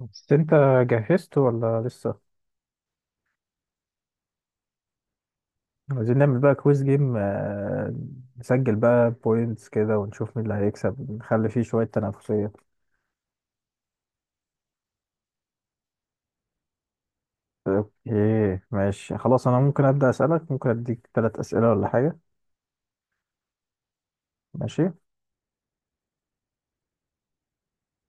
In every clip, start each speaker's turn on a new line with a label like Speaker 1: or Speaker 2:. Speaker 1: بس انت جهزت ولا لسه؟ عايزين نعمل بقى كويس جيم، نسجل بقى بوينتس كده ونشوف مين اللي هيكسب، نخلي فيه شوية تنافسية. اوكي ماشي خلاص، انا ممكن ابدأ اسألك؟ ممكن اديك ثلاث اسئلة ولا حاجة؟ ماشي.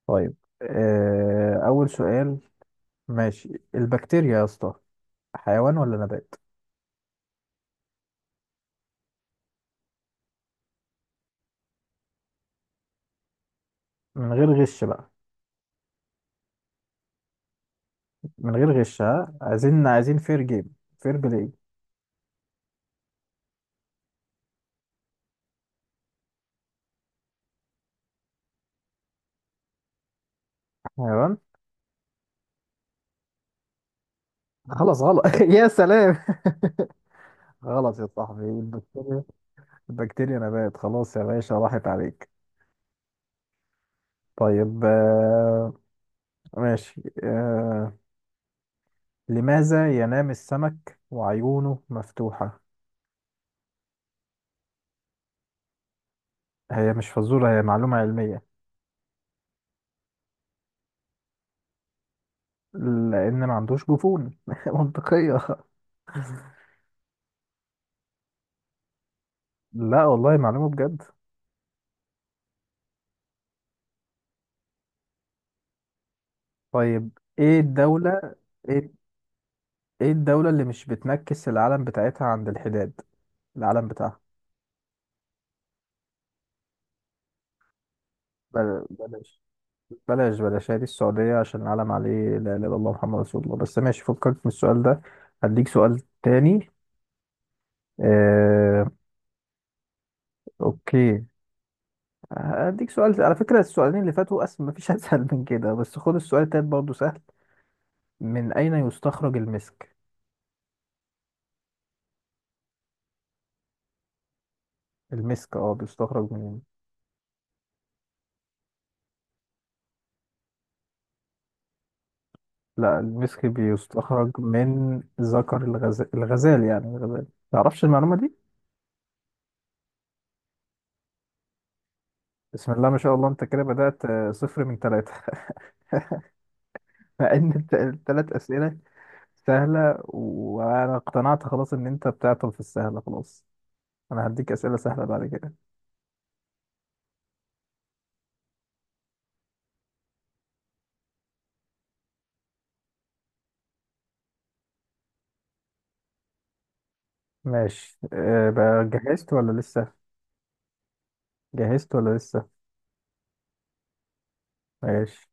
Speaker 1: طيب، اول سؤال. ماشي، البكتيريا يا اسطى حيوان ولا نبات؟ من غير غش بقى. من غير غش، ها، عايزين فير جيم، فير بلاي. حيوان. خلاص غلط يا سلام. غلط يا صاحبي، البكتيريا بكتيريا نبات. خلاص يا باشا راحت عليك. طيب. ماشي. لماذا ينام السمك وعيونه مفتوحة؟ هي مش فزورة، هي معلومة علمية. لأن ما عندوش جفون منطقية. لا والله معلومة بجد. طيب، ايه الدولة. ايه, ايه الدولة اللي مش بتنكس العلم بتاعتها عند الحداد؟ العلم بتاعها. بلاش بلاش بلاش، هذه السعودية عشان العلم عليه لا إله إلا الله محمد رسول الله. بس ماشي، فكك من السؤال ده. هديك سؤال تاني. آه، أوكي. هديك سؤال، على فكرة السؤالين اللي فاتوا أسهل، مفيش أسهل من كده، بس خد السؤال التالت برضه سهل. من أين يستخرج المسك؟ المسك بيستخرج من. لا، المسك بيستخرج من ذكر الغزال، الغزال يعني الغزال، متعرفش المعلومة دي؟ بسم الله ما شاء الله أنت كده بدأت، صفر من ثلاثة مع إن الثلاث أسئلة سهلة، وأنا اقتنعت خلاص إن أنت بتعطل في السهلة. خلاص أنا هديك أسئلة سهلة بعد كده. ماشي بقى، جهزت ولا لسه؟ جهزت ولا لسه؟ ماشي.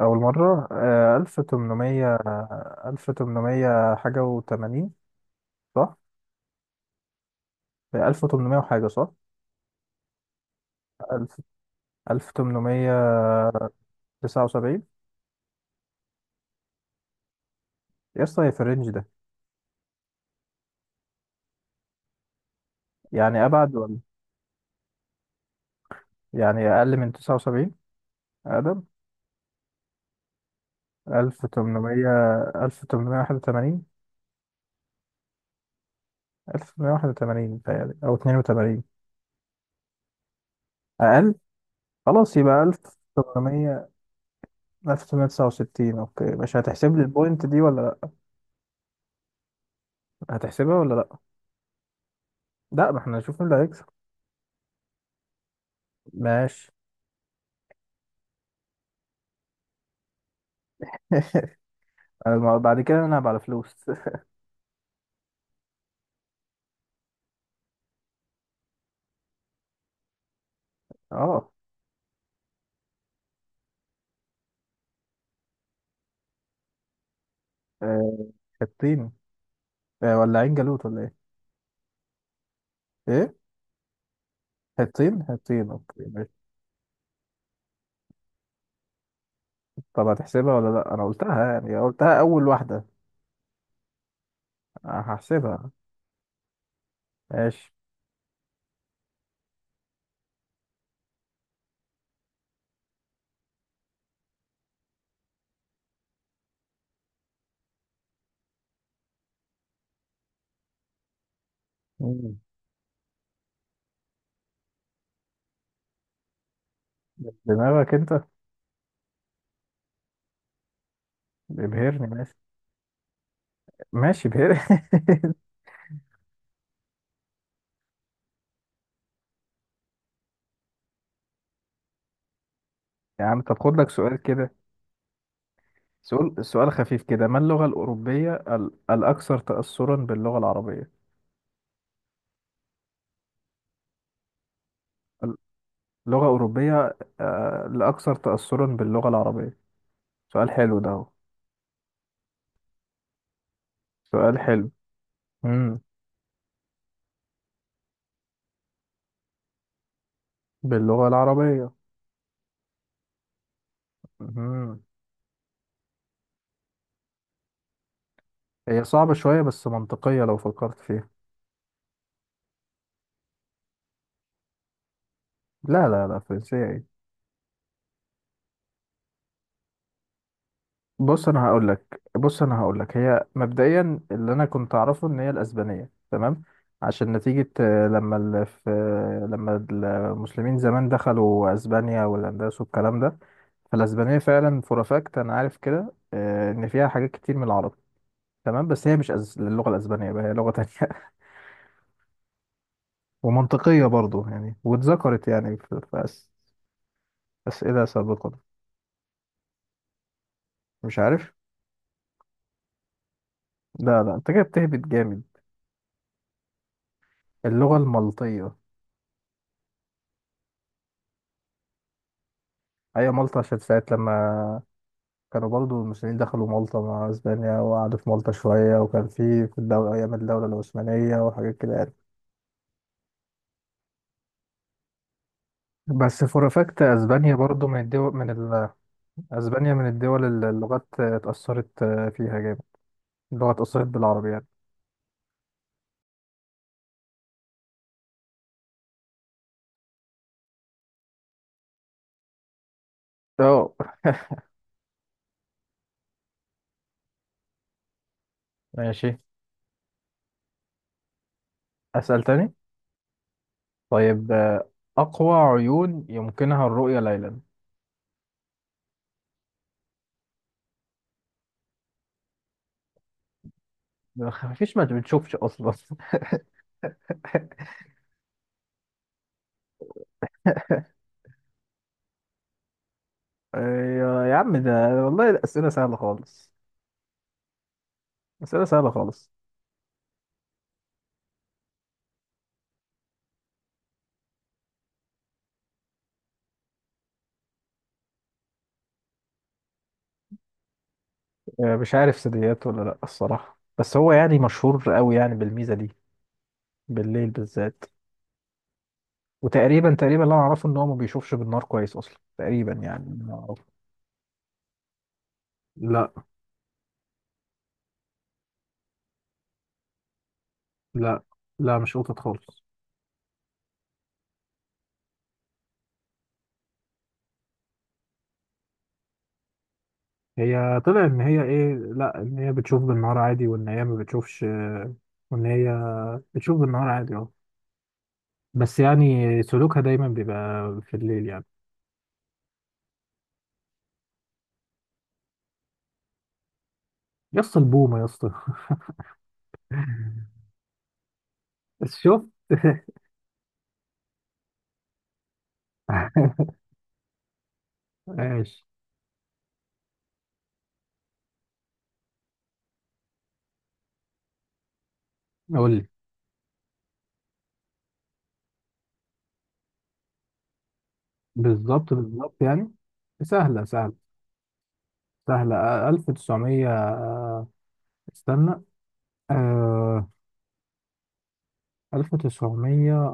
Speaker 1: أول مرة، ألف تمنمية. ألف تمنمية حاجة وتمانين، صح؟ ألف تمنمية وحاجة، صح؟ ألف. ألف تمنمية تسعة وسبعين. يا اسطى، هي في الرينج ده؟ يعني أبعد ولا؟ يعني أقل من تسعة وسبعين؟ أقدم. ألف تمنمية. ألف تمنمية واحد وتمانين. 1181 بتهيألي، أو 82. أقل. خلاص يبقى 1800. 1869. أوكي، مش هتحسب لي البوينت دي ولا لأ؟ هتحسبها ولا لأ؟ لأ، ما احنا هنشوف مين اللي هيكسب. ماشي. أنا بعد كده أنا على فلوس. أه آه، حطين. ولا عين جالوت ولا إيه؟ إيه، حطين حطين أوكي ماشي. طب هتحسبها ولا لأ؟ أنا قلتها يعني، قلتها أول واحدة. هحسبها. ماشي. مم. دماغك أنت. ابهرني ماشي. ماشي ابهرني. يا عم طب خد لك سؤال كده. سؤال سؤال خفيف كده، ما اللغة الأوروبية الأكثر تأثرا باللغة العربية؟ ال- لغة أوروبية الأكثر تأثرا باللغة العربية. سؤال حلو ده أهو. سؤال حلو. امم باللغة العربية. امم هي صعبة شوية بس منطقية لو فكرت فيها. لا لا لا، فرنسية إيه. بص انا هقول لك هي مبدئيا اللي انا كنت اعرفه ان هي الاسبانيه، تمام. عشان نتيجه لما في، لما المسلمين زمان دخلوا اسبانيا والاندلس والكلام ده، فالاسبانيه فعلا فور فاكت انا عارف كده ان فيها حاجات كتير من العربي، تمام. بس هي مش اللغه الاسبانيه بقى هي لغه تانية ومنطقيه برضو يعني. واتذكرت يعني في اسئله سابقه. مش عارف. لا لا انت كده بتهبط جامد. اللغه المالطيه. هي مالطا، عشان ساعة لما كانوا برضو المسلمين دخلوا مالطا مع اسبانيا وقعدوا في مالطا شوية، وكان في الدولة ايام الدولة العثمانية وحاجات كده يعني. بس فور فاكت اسبانيا برضو من الدول، اسبانيا من الدول اللي اللغات اتأثرت فيها جامد، اللغة اتأثرت بالعربي يعني. اه. ماشي. اسأل تاني. طيب، اقوى عيون يمكنها الرؤية ليلا. مفيش، ما بتشوفش اصلا. يا عم ده والله الأسئلة سهلة خالص. أسئلة سهلة خالص. مش عارف ثدييات ولا لا الصراحة، بس هو يعني مشهور قوي يعني بالميزة دي، بالليل بالذات. وتقريبا تقريبا اللي انا اعرفه ان هو ما بيشوفش بالنار كويس اصلا، تقريبا يعني اللي أنا أعرفه. لا لا لا مش قطط خالص. هي طلع ان هي ايه، لا، ان هي بتشوف بالنهار عادي، وان هي ما بتشوفش، وان هي بتشوف بالنهار عادي اه. بس يعني سلوكها دايما بيبقى في الليل يعني. يا اسطى البومة يا اسطى. شفت. ماشي. قول لي. بالظبط بالظبط يعني. سهلة سهلة سهلة. ألف تسعمية. استنى. ألف تسعمية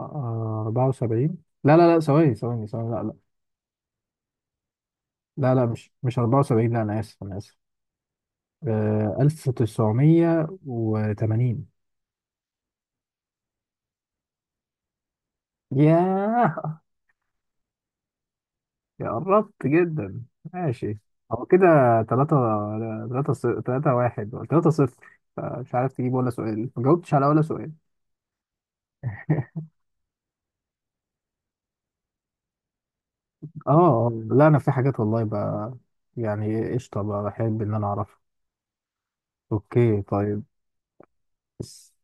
Speaker 1: أربعة وسبعين. لا لا لا، ثواني ثواني ثواني، لا لا. لا لا مش أربعة وسبعين، لا أنا آسف، أنا آسف. ألف تسعمية وتمانين. ياه. يا قربت جدا. ماشي. هو كده. تلاتة. تلاتة تلاتة واحد ولا تلاتة صفر؟ مش عارف تجيب ولا سؤال، ما جاوبتش على ولا سؤال. لا انا في حاجات والله بقى، يعني قشطه بقى بحب ان انا اعرفها. اوكي طيب. بس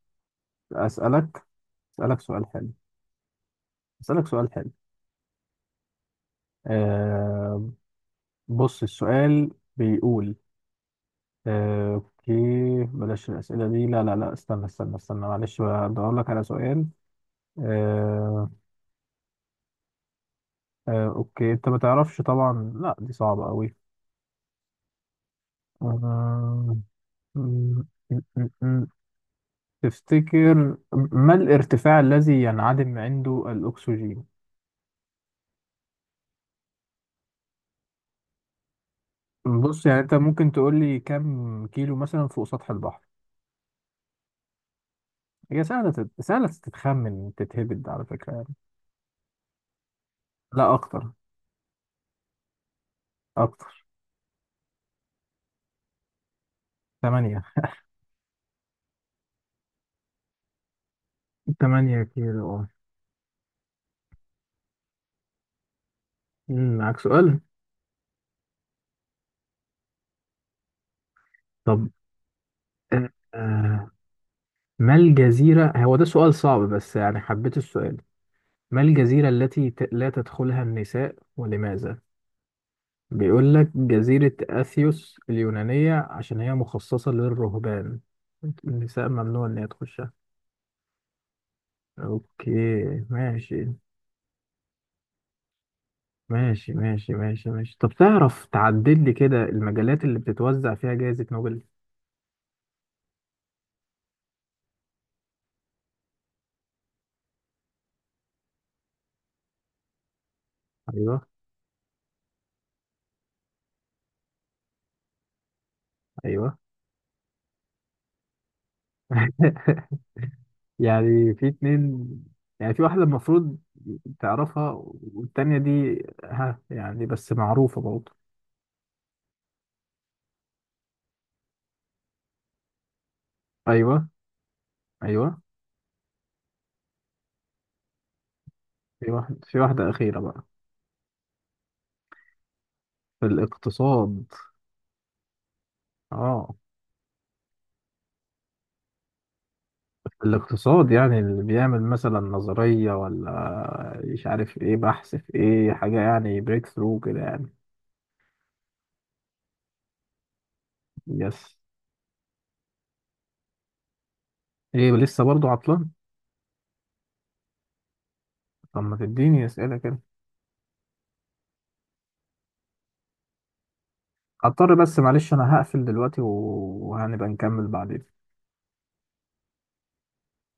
Speaker 1: اسالك، اسالك سؤال حلو. اسالك سؤال حلو. آه بص السؤال بيقول. اوكي بلاش الاسئله دي. لا لا لا، استنى استنى استنى، معلش بدور لك على سؤال. آه اوكي، انت ما تعرفش طبعا. لا دي صعبه قوي. آه، تفتكر ما الارتفاع الذي ينعدم عنده الأكسجين؟ بص، يعني أنت ممكن تقول لي كم كيلو مثلا فوق سطح البحر؟ هي سهلة سهلة تتخمن تتهبد على فكرة يعني. لا أكتر. أكتر. تمانية. تمانية كيلو اه. معاك سؤال؟ طب، آه، آه، ما الجزيرة، هو ده سؤال صعب بس يعني حبيت السؤال. ما الجزيرة التي لا تدخلها النساء ولماذا؟ بيقول لك جزيرة أثيوس اليونانية عشان هي مخصصة للرهبان، النساء ممنوع إن هي تخشها. أوكي ماشي ماشي ماشي ماشي ماشي. طب تعرف تعدل لي كده المجالات اللي بتتوزع فيها جائزة نوبل؟ أيوه. أيوه. يعني في اتنين، يعني في واحدة المفروض تعرفها، والتانية دي ها يعني بس معروفة برضه. أيوه. أيوه. في واحد في واحدة أخيرة بقى. في الاقتصاد. اه. الاقتصاد يعني اللي بيعمل مثلا نظرية، ولا مش عارف ايه، بحث في ايه حاجة يعني بريك ثرو كده يعني. يس. ايه لسه برضو عطلان؟ طب ما تديني اسئلة كده. هضطر، بس معلش، انا هقفل دلوقتي وهنبقى نكمل بعدين.